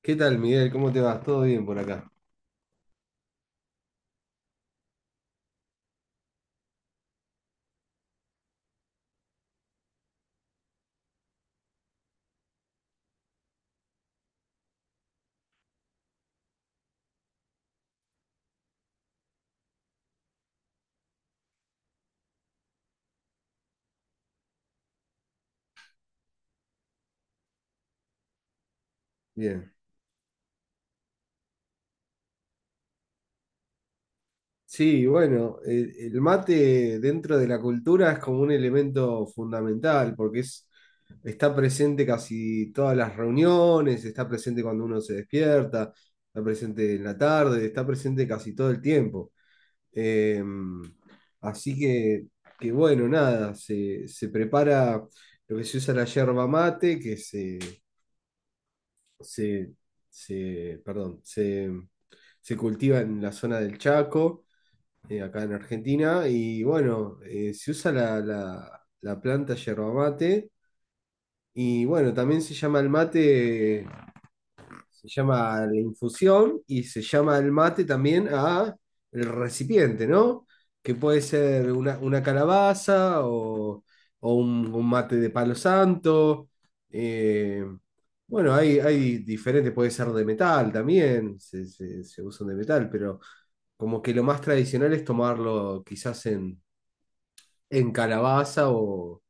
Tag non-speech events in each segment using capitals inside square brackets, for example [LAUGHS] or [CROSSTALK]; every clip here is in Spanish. ¿Qué tal, Miguel? ¿Cómo te vas? ¿Todo bien por acá? Bien. Sí, bueno, el mate dentro de la cultura es como un elemento fundamental está presente casi todas las reuniones, está presente cuando uno se despierta, está presente en la tarde, está presente casi todo el tiempo. Eh, así que, que bueno, nada, se prepara lo que se usa la yerba mate, que se, se, perdón, se, se cultiva en la zona del Chaco, acá en Argentina, y bueno, se usa la planta yerba mate, y bueno, también se llama el mate, se llama la infusión y se llama el mate también a el recipiente, ¿no? Que puede ser una calabaza o un mate de palo santo. eh, bueno, hay diferentes, puede ser de metal también, se usan de metal, pero como que lo más tradicional es tomarlo quizás en calabaza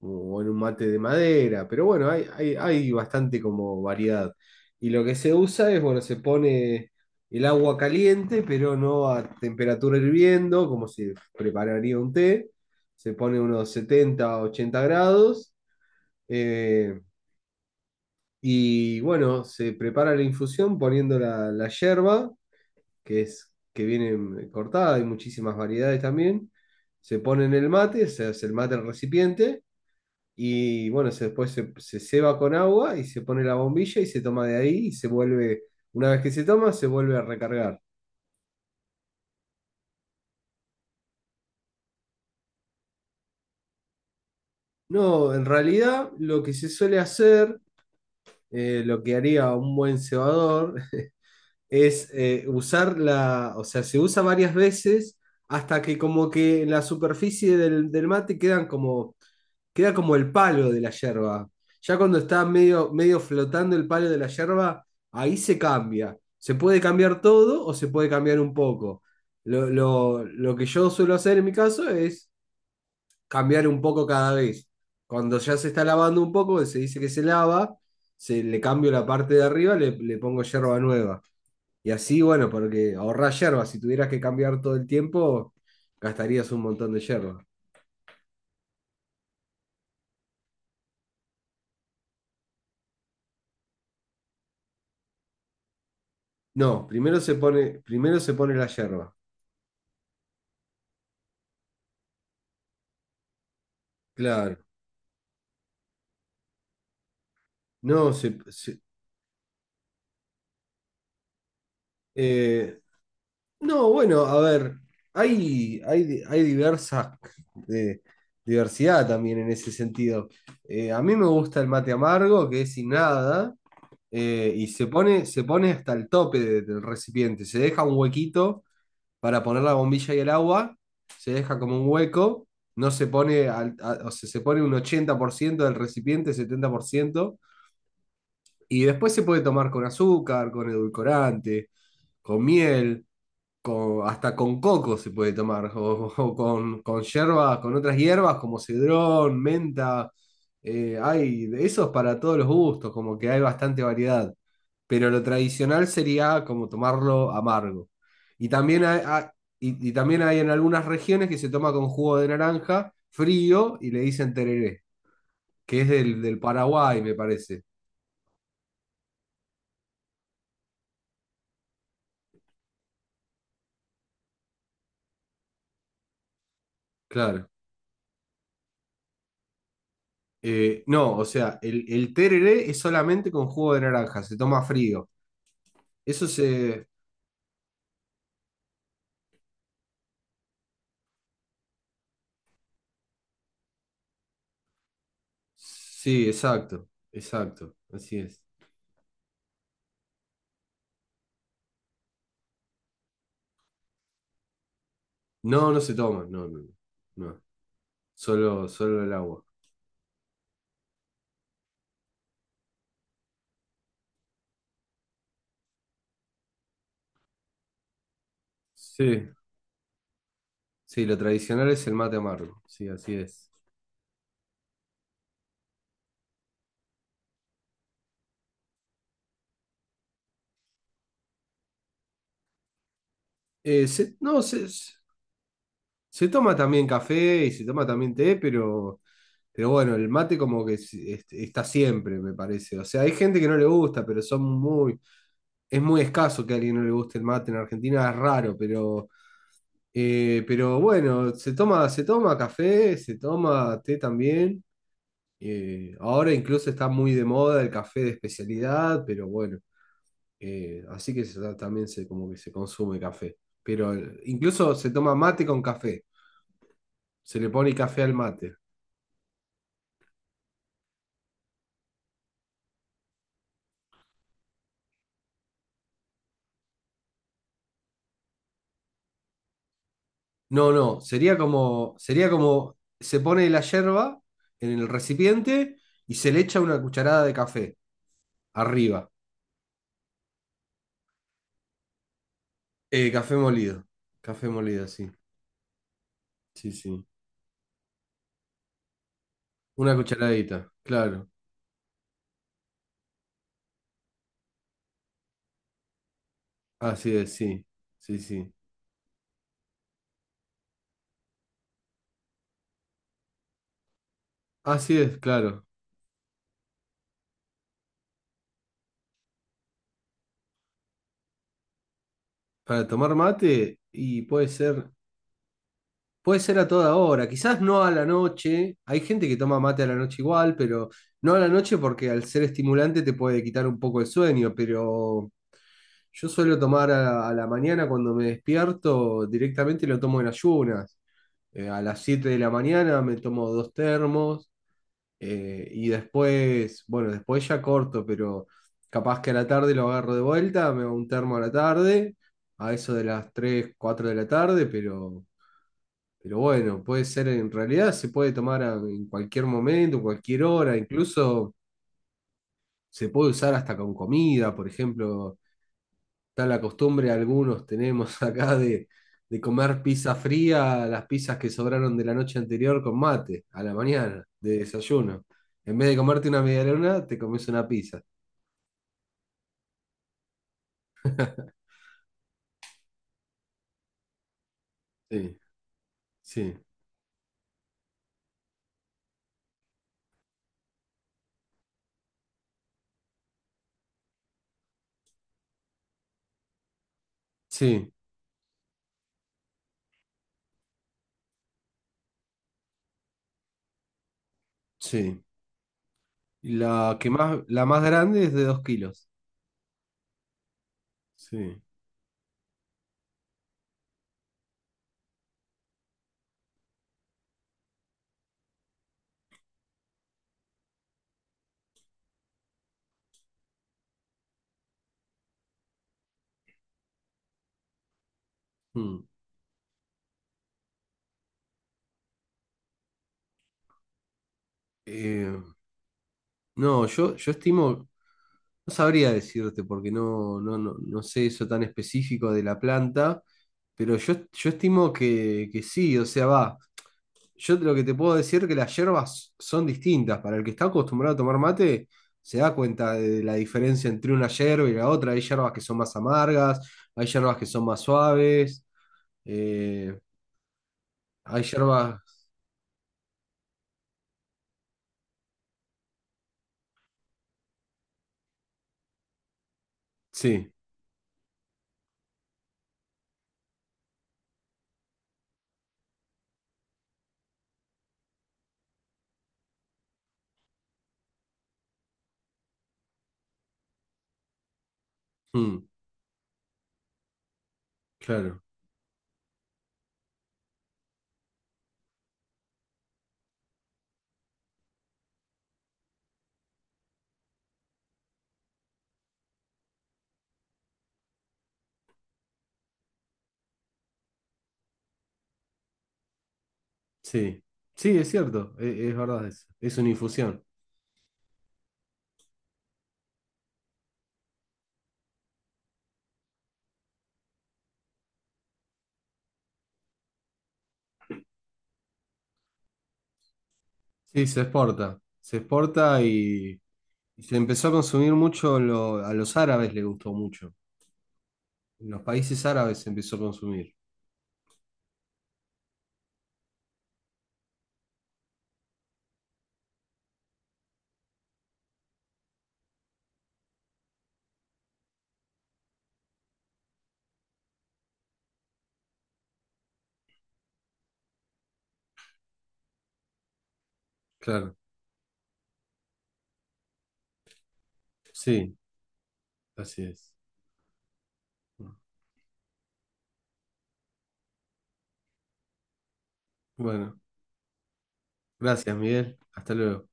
o en un mate de madera, pero bueno, hay bastante como variedad. Y lo que se usa es, bueno, se pone el agua caliente, pero no a temperatura hirviendo, como se prepararía un té. Se pone unos 70 80 grados. eh, y bueno, se prepara la infusión poniendo la yerba, que es que viene cortada, hay muchísimas variedades también. Se pone en el mate, se hace el mate al recipiente y bueno, después se ceba con agua y se pone la bombilla y se toma de ahí y se vuelve, una vez que se toma, se vuelve a recargar. No, en realidad lo que se suele hacer, lo que haría un buen cebador, [LAUGHS] es usar la, o sea, se usa varias veces hasta que como que en la superficie del mate quedan como queda como el palo de la yerba. Ya cuando está medio, medio flotando el palo de la yerba, ahí se cambia. Se puede cambiar todo o se puede cambiar un poco. Lo que yo suelo hacer en mi caso es cambiar un poco cada vez. Cuando ya se está lavando un poco, se dice que se lava, se, le cambio la parte de arriba, le pongo yerba nueva. Y así, bueno, porque ahorrás yerba. Si tuvieras que cambiar todo el tiempo, gastarías un montón de yerba. No, primero se pone la yerba. Claro, no, se, se- eh, no, bueno, a ver, hay diversa eh, diversidad también en ese sentido. A mí me gusta el mate amargo, que es sin nada, y se pone hasta el tope de- del recipiente. Se deja un huequito para poner la bombilla y el agua, se deja como un hueco, no se pone, o sea, se pone un 80% del recipiente, 70% y después se puede tomar con azúcar, con edulcorante, con miel, con, hasta con coco se puede tomar, o con hierbas, con otras hierbas como cedrón, menta. Hay de esos para todos los gustos, como que hay bastante variedad. Pero lo tradicional sería como tomarlo amargo. Y también hay, ha- y y también hay en algunas regiones que se toma con jugo de naranja frío y le dicen tereré, que es del Paraguay, me parece. Claro. No, o sea, el tereré es solamente con jugo de naranja, se toma frío. Eso se... Sí, exacto, exacto, así es. No, no se toma, no, no, no. Solo, solo el agua. Sí, sí, lo tradicional es el mate amargo, sí, así es. No, se toma también café y se toma también té, pero bueno, el mate como que está siempre, me parece. O sea, hay gente que no le gusta, pero son muy, es muy escaso que a alguien no le guste el mate en Argentina, es raro, pero bueno, se toma café, se toma té también. Ahora incluso está muy de moda el café de especialidad, pero bueno, así que también se, como que se consume café. Pero incluso se toma mate con café, se le pone café al mate. No, no, sería como se pone la yerba en el recipiente y se le echa una cucharada de café arriba. Café molido. Café molido, sí. Sí, sí. Una cucharadita, claro. Así es, sí. Sí, sí. Así es, claro. Para tomar mate, y puede ser a toda hora. Quizás no a la noche. Hay gente que toma mate a la noche igual, pero no a la noche porque al ser estimulante te puede quitar un poco el sueño, pero yo suelo tomar a la mañana cuando me despierto, directamente lo tomo en ayunas. A las 7 de la mañana me tomo dos termos. Y después, bueno, después ya corto, pero capaz que a la tarde lo agarro de vuelta, me hago un termo a la tarde, a eso de las 3 4 de la tarde, pero bueno, puede ser en realidad, se puede tomar en cualquier momento, cualquier hora, incluso se puede usar hasta con comida, por ejemplo. Está la costumbre, algunos tenemos [LAUGHS] acá de comer pizza fría, las pizzas que sobraron de la noche anterior con mate, a la mañana, de desayuno. En vez de comerte una medialuna, te comes una pizza. Sí, sí, sí, sí. Y la que más, la más grande es de dos kilos. Sí. Mm. Eh, no, yo, yo estimo, no sabría decirte porque no sé eso tan específico de la planta, pero yo estimo que sí, o sea, va. Yo lo que te puedo decir es que las hierbas son distintas. Para el que está acostumbrado a tomar mate, se da cuenta de la diferencia entre una hierba y la otra. Hay hierbas que son más amargas, hay hierbas que son más suaves, eh, hay hierbas... Sí, mm, claro, sí. Sí, es cierto, es, verdad eso. Es una infusión. Sí, se exporta. Se exporta y se empezó a consumir mucho, a los árabes les gustó mucho. En los países árabes se empezó a consumir. Claro, sí. Así es. Bueno, gracias, Miguel. Hasta luego.